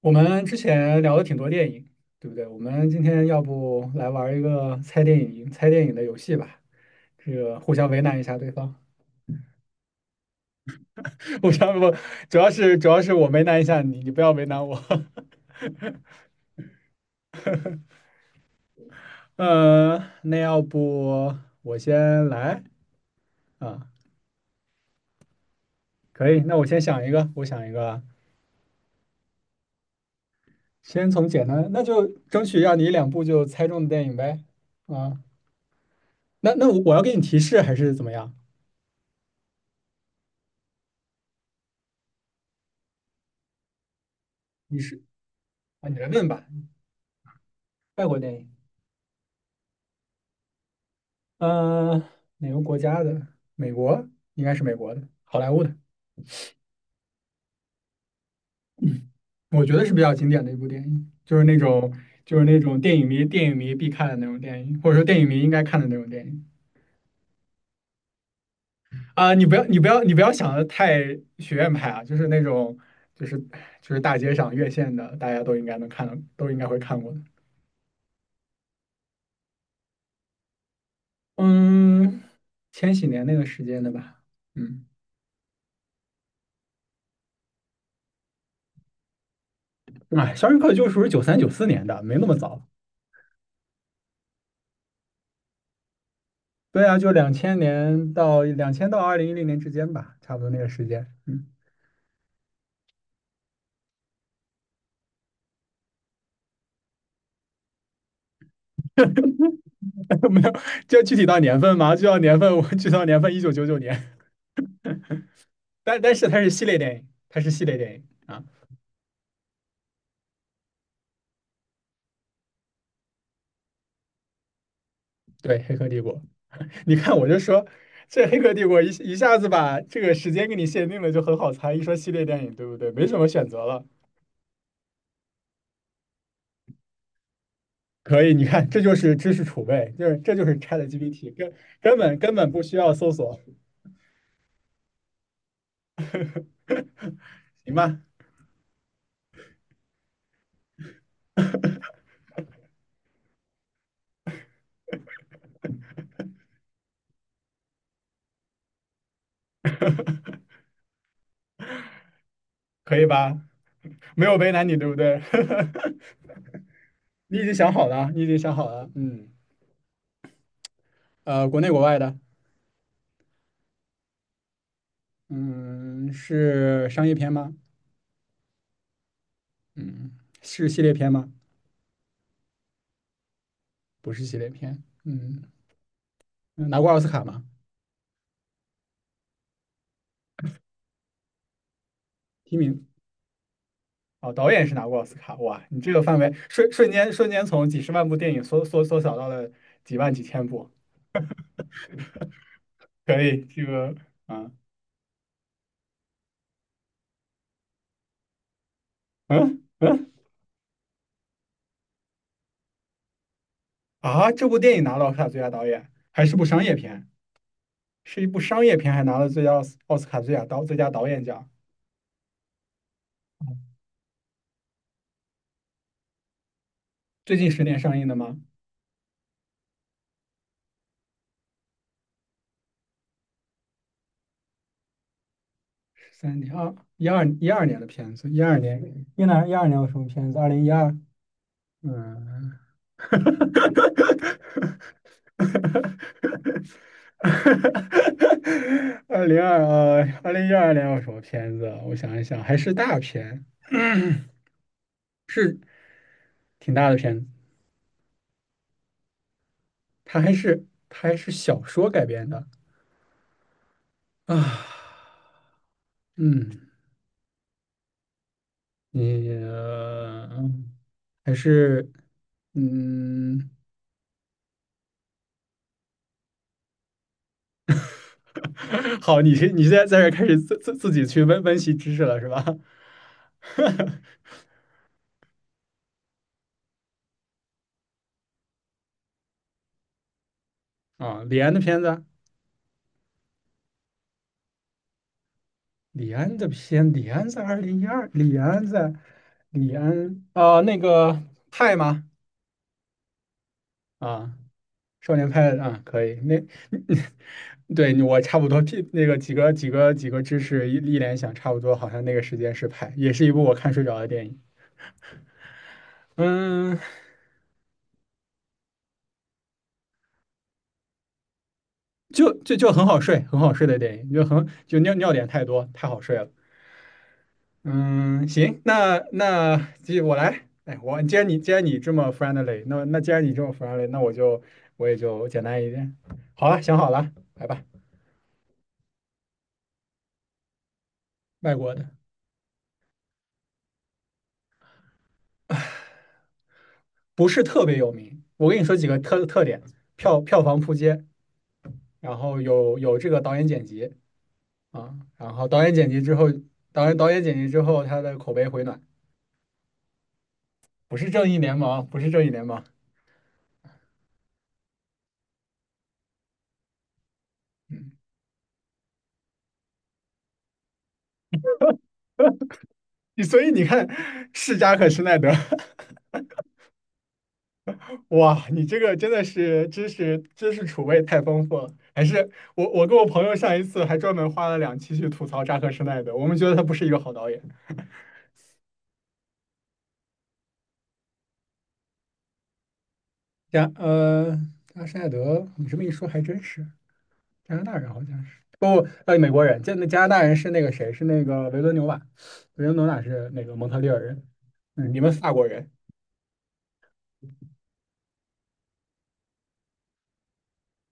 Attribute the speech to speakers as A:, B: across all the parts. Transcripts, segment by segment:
A: 我们之前聊了挺多电影，对不对？我们今天要不来玩一个猜电影的游戏吧？这个互相为难一下对方，互相不，主要是我为难一下你，你不要为难我。嗯，那要不我先来啊？可以，那我先想一个，我想一个啊。先从简单，那就争取让你一两部就猜中的电影呗。啊，那我要给你提示还是怎么样？你是啊，你来问吧，外国电影。嗯、呃，哪个国家的？美国，应该是美国的，好莱坞的，我觉得是比较经典的一部电影，就是那种电影迷必看的那种电影，或者说电影迷应该看的那种电影。你不要想的太学院派啊，就是那种就是大街上院线的，大家都应该能看到，都应该会看过的。嗯，千禧年那个时间的吧，嗯。哎，《肖申克的救赎》是九三九四年的，没那么早。对啊，就两千年到两千到二零一零年之间吧，差不多那个时间。嗯，没有，就具体到年份嘛，就到年份，我具体到年份一九九九年，但是它是系列电影啊。对，《黑客帝国》，你看我就说这《黑客帝国》一下子把这个时间给你限定了，就很好猜。一说系列电影，对不对？没什么选择了。可以，你看，这就是知识储备，这就是 ChatGPT，根本不需要搜索。行吧？可以吧？没有为难你，对不对？你已经想好了，嗯，国内国外的，嗯，是商业片吗？嗯，是系列片吗？不是系列片，嗯，拿过奥斯卡吗？提名，哦，导演是拿过奥斯卡，哇，你这个范围瞬间从几十万部电影缩小到了几万几千部。可以，这个，啊嗯这部电影拿了奥斯卡最佳导演，还是部商业片，是一部商业片，还拿了最佳奥斯奥斯卡最佳导演奖。最近十年上映的吗？三年二一二一二年的片子，一二年一二年有什么片子？二零一二，嗯，二零一二年有什么片子啊我想一想，还是大片，是挺大的片子，它还是小说改编的啊，嗯，你、呃还是嗯。好，你现在在这开始自己去温习知识了是吧？啊，李安的片子，李安在二零一二，李安啊、那个派吗？啊，少年派啊，可以，那 对我差不多，屁那个几个知识一联想，差不多好像那个时间是派，也是一部我看睡着的电影，嗯，就很好睡，很好睡的电影，就尿点太多，太好睡了。嗯，行，那我来。哎，我既然既然你这么 friendly，那我也就简单一点。好了，想好了，来吧。外国的不是特别有名，我跟你说几个特点：票房扑街，然后有这个导演剪辑啊，导演剪辑之后，他的口碑回暖。不是正义联盟，不是正义联盟。所以你看，世嘉克施耐德。哇，你这个真的是知识储备太丰富了，还是我跟我朋友上一次还专门花了两期去吐槽扎克施耐德，我们觉得他不是一个好导演。加呃，扎克施耐德，你这么一说还真是加拿大人好像是不呃美国人，加拿大人是那个谁是那个维伦纽瓦，维伦纽瓦是那个蒙特利尔人，嗯，你们法国人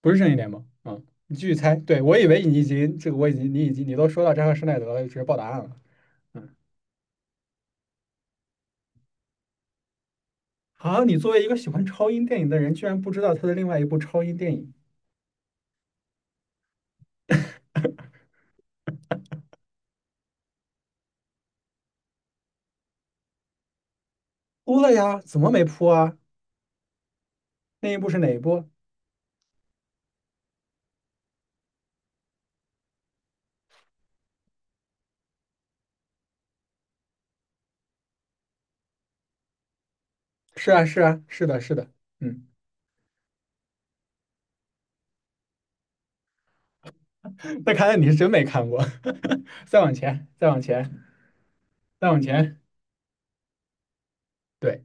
A: 不是正义联盟，嗯，你继续猜，我已经你都说到扎克施耐德了，直接报答案了。嗯。啊，你作为一个喜欢超英电影的人，居然不知道他的另外一部超英电影扑了呀？怎么没扑啊？那一部是哪一部？是啊，是啊，是的，是的，嗯。那看来你是真没看过。再往前，再往前，再往前。对，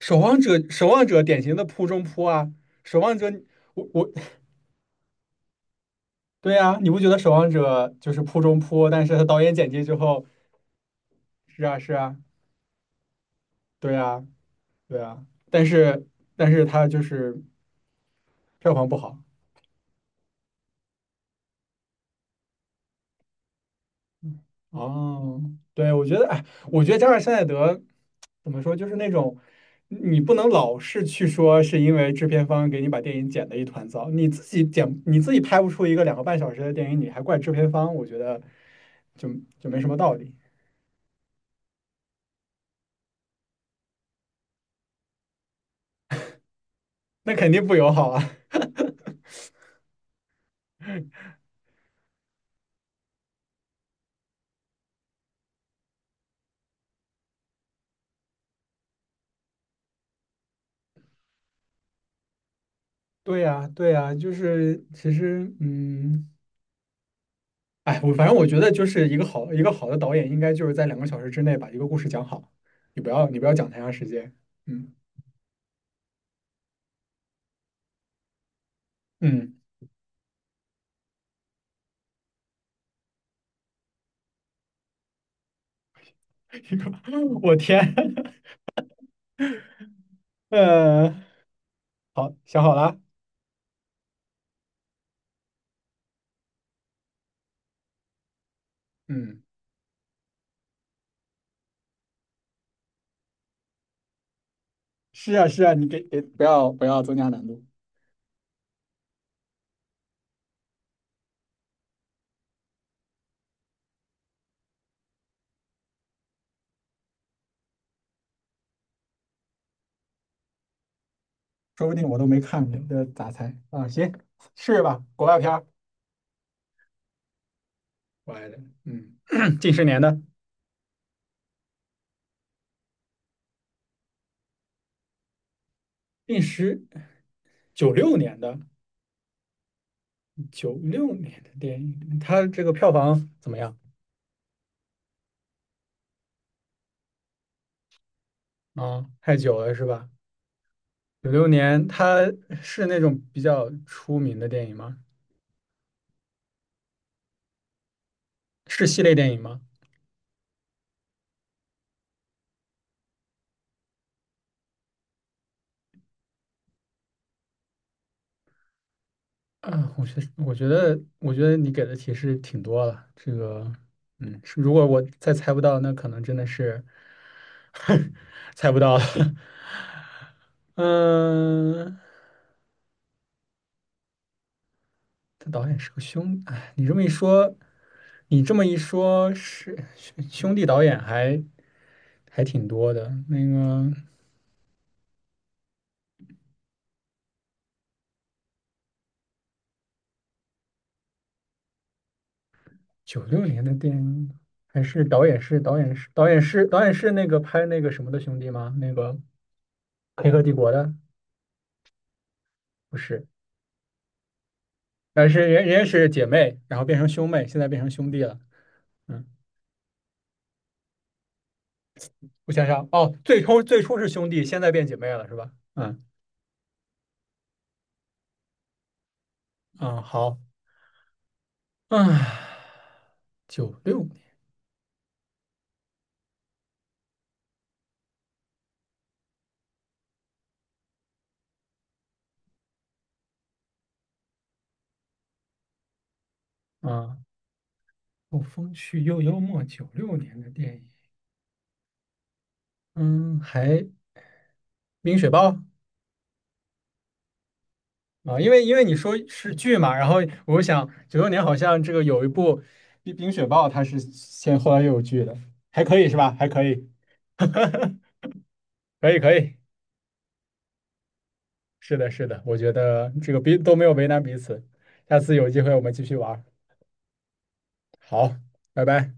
A: 守望者，守望者典型的扑中扑啊，守望者。我我，对呀，你不觉得守望者就是扑中扑？但是他导演剪辑之后，是啊，是啊，对啊，对啊，但是他就是票房不好。哦，对，我觉得，哎，我觉得加尔施耐德怎么说，就是那种你不能老是去说是因为制片方给你把电影剪的一团糟，你自己拍不出一个两个半小时的电影，你还怪制片方，我觉得就就没什么道理，那肯定不友好啊。对呀，对呀，就是其实，嗯，哎，我反正我觉得就是一个好的导演，应该就是在两个小时之内把一个故事讲好，你不要讲太长时间，嗯嗯。我天，呃，好，想好了，嗯，是啊是啊，你给不要增加难度，说不定我都没看过，这咋猜啊？行，试试吧，国外片儿，国外的，嗯，近十年的，近十，九六年的九六年的电影，它这个票房怎么样啊？太久了是吧？九六年，它是那种比较出名的电影吗？是系列电影吗？啊，我觉得你给的提示挺多了。这个，嗯，是如果我再猜不到，那可能真的是 猜不到了。嗯，他导演是个哎，你这么一说，是兄弟导演还挺多的。那个九六年的电影，还是导演是那个拍那个什么的兄弟吗？那个《黑客帝国》的不是？但是人家是姐妹，然后变成兄妹，现在变成兄弟了。嗯，我想想，哦，最初是兄弟，现在变姐妹了，是吧？嗯嗯，好，啊，九六年啊，《后风趣又幽默》九六年的电影，嗯，还冰雪暴啊，因为你说是剧嘛，然后我想九六年好像这个有一部冰雪暴》，它是先后来又有剧的，还可以是吧？还可以，可以可以。是的，是的，我觉得这个彼都没有为难彼此。下次有机会我们继续玩儿。好，拜拜。